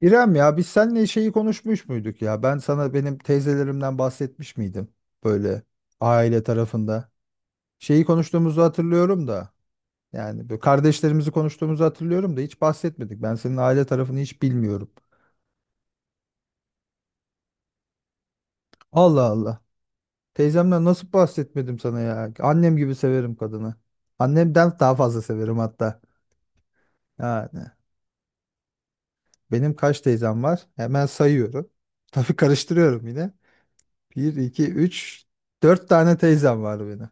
İrem ya biz seninle şeyi konuşmuş muyduk ya? Ben sana benim teyzelerimden bahsetmiş miydim? Böyle aile tarafında. Şeyi konuştuğumuzu hatırlıyorum da. Yani böyle kardeşlerimizi konuştuğumuzu hatırlıyorum da hiç bahsetmedik. Ben senin aile tarafını hiç bilmiyorum. Allah Allah. Teyzemden nasıl bahsetmedim sana ya? Annem gibi severim kadını. Annemden daha fazla severim hatta. Yani benim kaç teyzem var? Hemen sayıyorum. Tabii karıştırıyorum yine. Bir 2 3 4 tane teyzem var benim.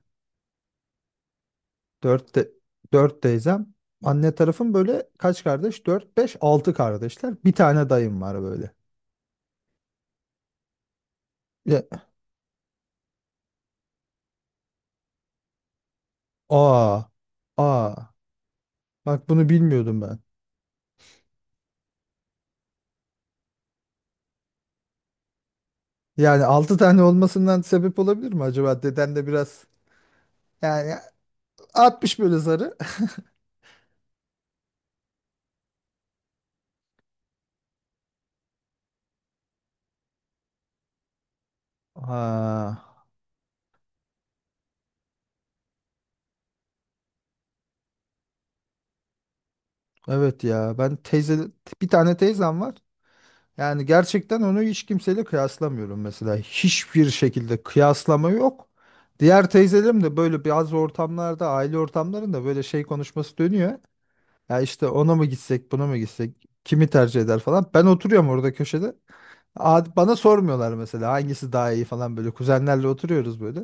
Dört, de, dört teyzem. Anne tarafım böyle kaç kardeş? Dört, beş, altı kardeşler. Bir tane dayım var böyle. Ya, aa, aa. Bak bunu bilmiyordum ben. Yani altı tane olmasından sebep olabilir mi acaba? Deden de biraz yani atmış böyle zarı. Ha, evet ya ben teyze bir tane teyzem var. Yani gerçekten onu hiç kimseyle kıyaslamıyorum mesela. Hiçbir şekilde kıyaslama yok. Diğer teyzelerim de böyle bazı ortamlarda, aile ortamlarında böyle şey konuşması dönüyor. Ya işte ona mı gitsek, buna mı gitsek, kimi tercih eder falan. Ben oturuyorum orada köşede. Bana sormuyorlar mesela hangisi daha iyi falan böyle. Kuzenlerle oturuyoruz böyle.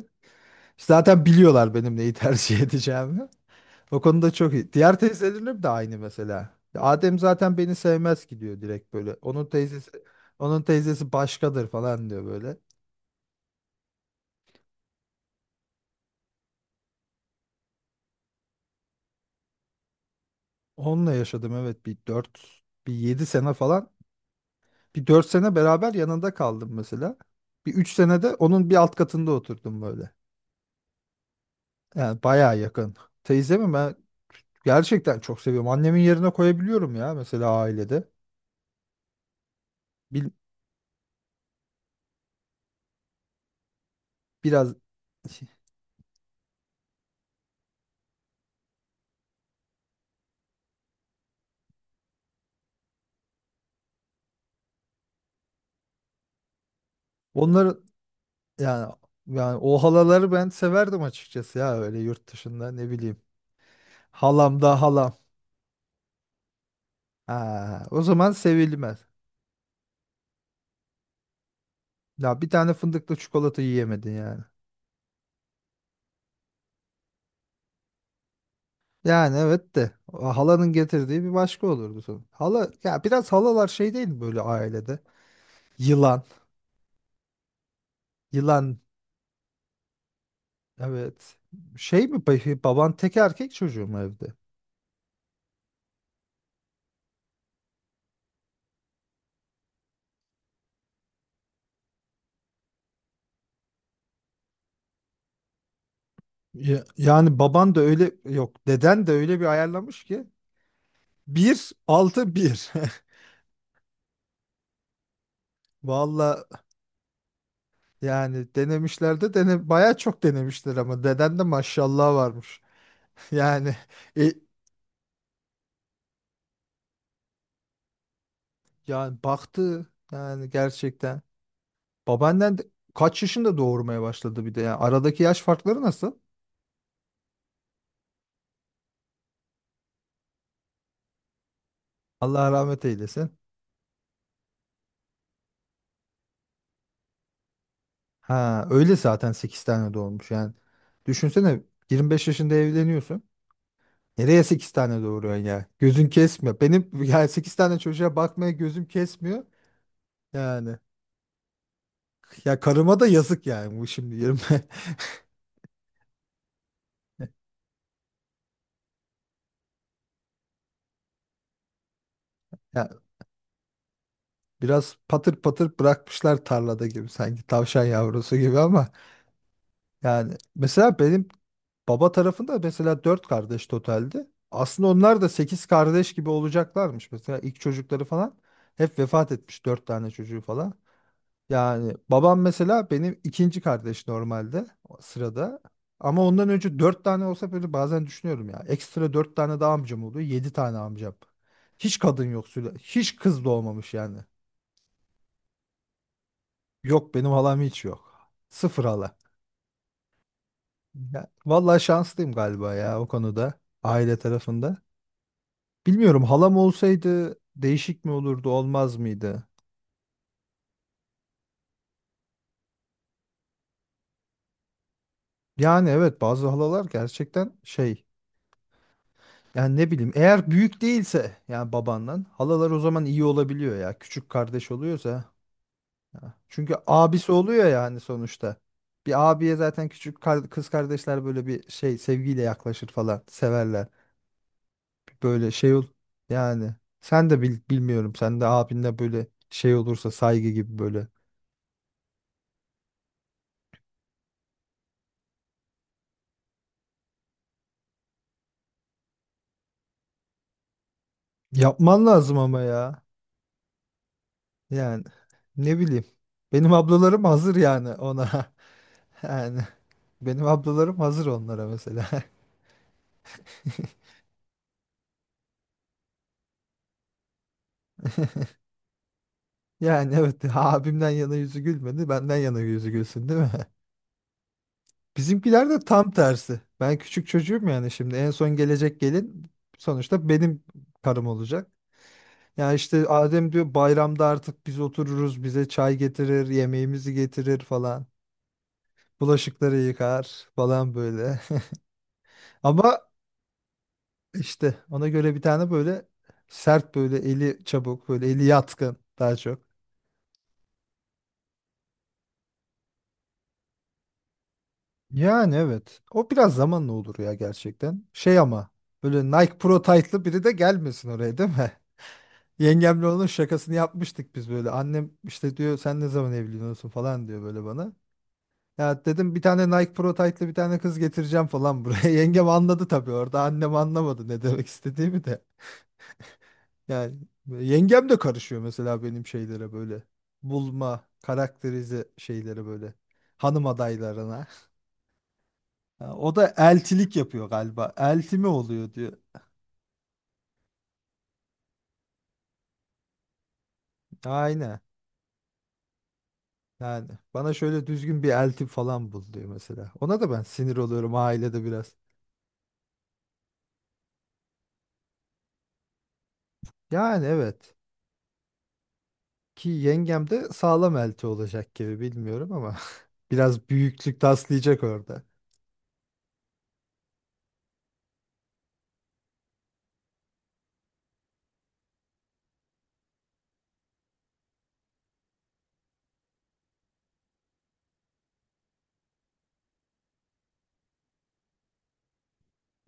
Zaten biliyorlar benim neyi tercih edeceğimi. O konuda çok iyi. Diğer teyzelerim de aynı mesela. Ya Adem zaten beni sevmez ki diyor direkt böyle. Onun teyzesi başkadır falan diyor böyle. Onunla yaşadım, evet, bir 4, bir 7 sene falan. Bir 4 sene beraber yanında kaldım mesela. Bir 3 sene de onun bir alt katında oturdum böyle. Yani bayağı yakın. Teyzemi ben gerçekten çok seviyorum. Annemin yerine koyabiliyorum ya mesela ailede. Bil- biraz onları. Yani o halaları ben severdim açıkçası ya, öyle yurt dışında ne bileyim. Halam da halam. Ha, o zaman sevilmez. Ya bir tane fındıklı çikolata yiyemedin yani. Yani evet de o halanın getirdiği bir başka olurdu sanırım. Hala ya biraz halalar şey değil mi böyle ailede? Yılan. Yılan evet. Şey mi peki, baban tek erkek çocuğu mu evde? Ya- yani baban da öyle, yok deden de öyle bir ayarlamış ki. Bir altı bir. Vallahi, yani denemişler de dene bayağı çok denemişler ama deden de maşallah varmış. Yani e, yani baktı, yani gerçekten. Babaannen de kaç yaşında doğurmaya başladı, bir de yani aradaki yaş farkları nasıl? Allah rahmet eylesin. Ha, öyle zaten 8 tane doğurmuş yani. Düşünsene, 25 yaşında evleniyorsun. Nereye 8 tane doğuruyorsun ya? Gözün kesmiyor. Benim yani 8 tane çocuğa bakmaya gözüm kesmiyor. Yani ya karıma da yazık yani bu şimdi 20. Biraz patır patır bırakmışlar tarlada, gibi sanki tavşan yavrusu gibi, ama yani mesela benim baba tarafında mesela dört kardeş totaldi. Aslında onlar da sekiz kardeş gibi olacaklarmış. Mesela ilk çocukları falan hep vefat etmiş, dört tane çocuğu falan. Yani babam mesela benim ikinci kardeş normalde o sırada. Ama ondan önce dört tane olsa böyle, bazen düşünüyorum ya. Ekstra dört tane daha amcam oluyor. Yedi tane amcam. Hiç kadın yok. Hiç kız doğmamış yani. Yok, benim halam hiç yok. Sıfır hala. Ya, vallahi şanslıyım galiba ya o konuda. Aile tarafında. Bilmiyorum, halam olsaydı değişik mi olurdu, olmaz mıydı? Yani evet, bazı halalar gerçekten şey. Yani ne bileyim, eğer büyük değilse, yani babandan halalar, o zaman iyi olabiliyor ya. Küçük kardeş oluyorsa. Ya. Çünkü abisi oluyor yani sonuçta. Bir abiye zaten küçük kız kardeşler böyle bir şey sevgiyle yaklaşır falan, severler. Böyle şey ol, yani sen de bilmiyorum, sen de abinle böyle şey olursa saygı gibi böyle yapman lazım. Ama ya yani ne bileyim, benim ablalarım hazır yani ona. Yani benim ablalarım hazır onlara mesela. Yani evet, abimden yana yüzü gülmedi, benden yana yüzü gülsün değil mi? Bizimkiler de tam tersi, ben küçük çocuğum, yani şimdi en son gelecek gelin sonuçta benim karım olacak. Ya işte Adem diyor, bayramda artık biz otururuz, bize çay getirir, yemeğimizi getirir falan. Bulaşıkları yıkar falan böyle. Ama işte ona göre bir tane böyle sert, böyle eli çabuk, böyle eli yatkın daha çok. Yani evet, o biraz zamanla olur ya gerçekten. Şey ama, böyle Nike Pro Tight'lı biri de gelmesin oraya değil mi? Yengemle onun şakasını yapmıştık biz böyle. Annem işte diyor, sen ne zaman evleniyorsun falan diyor böyle bana. Ya dedim, bir tane Nike Pro Tight'lı bir tane kız getireceğim falan buraya. Yengem anladı tabii orada. Annem anlamadı ne demek istediğimi de. Yani yengem de karışıyor mesela benim şeylere böyle. Bulma, karakterize şeylere böyle. Hanım adaylarına. Ha, o da eltilik yapıyor galiba. Elti mi oluyor diyor. Aynen. Yani bana şöyle düzgün bir elti falan bul diyor mesela. Ona da ben sinir oluyorum ailede biraz. Yani evet. Ki yengem de sağlam elti olacak gibi, bilmiyorum ama biraz büyüklük taslayacak orada.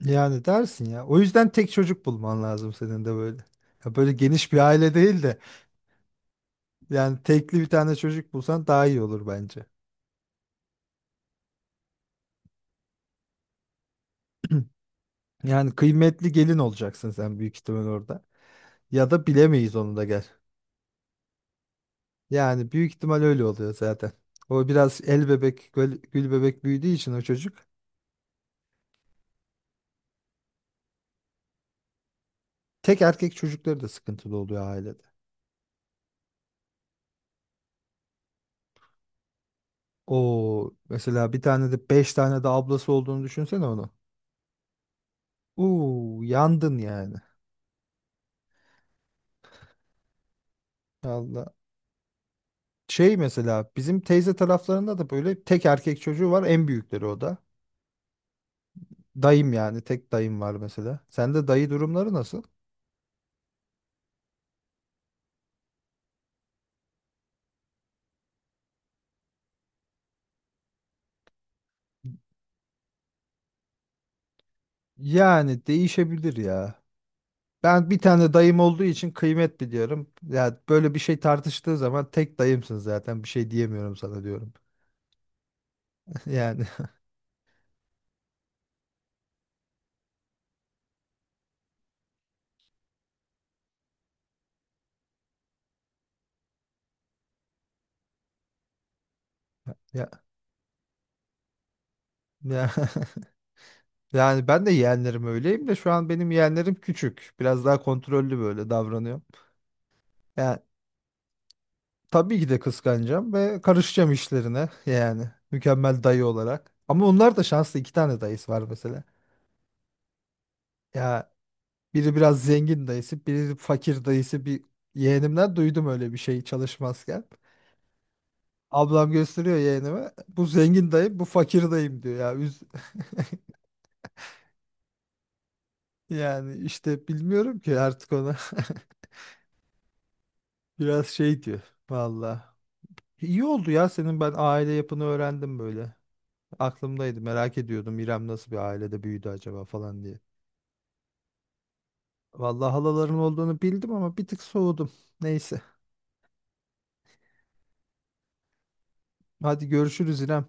Yani dersin ya. O yüzden tek çocuk bulman lazım senin de böyle. Ya böyle geniş bir aile değil de, yani tekli bir tane çocuk bulsan daha iyi olur bence. Yani kıymetli gelin olacaksın sen büyük ihtimal orada. Ya da bilemeyiz onu da, gel. Yani büyük ihtimal öyle oluyor zaten. O biraz el bebek, gül, gül bebek büyüdüğü için o çocuk. Tek erkek çocukları da sıkıntılı oluyor ailede. O mesela bir tane de beş tane de ablası olduğunu düşünsene onu. Uuu, yandın yani. Allah. Şey mesela bizim teyze taraflarında da böyle tek erkek çocuğu var, en büyükleri o da. Dayım yani tek dayım var mesela. Sende dayı durumları nasıl? Yani değişebilir ya. Ben bir tane dayım olduğu için kıymet biliyorum. Ya böyle bir şey tartıştığı zaman, tek dayımsın zaten bir şey diyemiyorum sana, diyorum. Yani ya, ya. Yani ben de yeğenlerim öyleyim de, şu an benim yeğenlerim küçük. Biraz daha kontrollü böyle davranıyor. Yani tabii ki de kıskanacağım ve karışacağım işlerine, yani mükemmel dayı olarak. Ama onlar da şanslı, iki tane dayısı var mesela. Ya biri biraz zengin dayısı, biri fakir dayısı, bir yeğenimden duydum öyle bir şey çalışmazken. Ablam gösteriyor yeğenime. Bu zengin dayım, bu fakir dayım diyor ya. Yani işte bilmiyorum ki artık ona biraz şey diyor. Vallahi. İyi oldu ya, senin ben aile yapını öğrendim böyle. Aklımdaydı, merak ediyordum İrem nasıl bir ailede büyüdü acaba falan diye. Vallahi halaların olduğunu bildim ama bir tık soğudum. Neyse. Hadi görüşürüz İrem.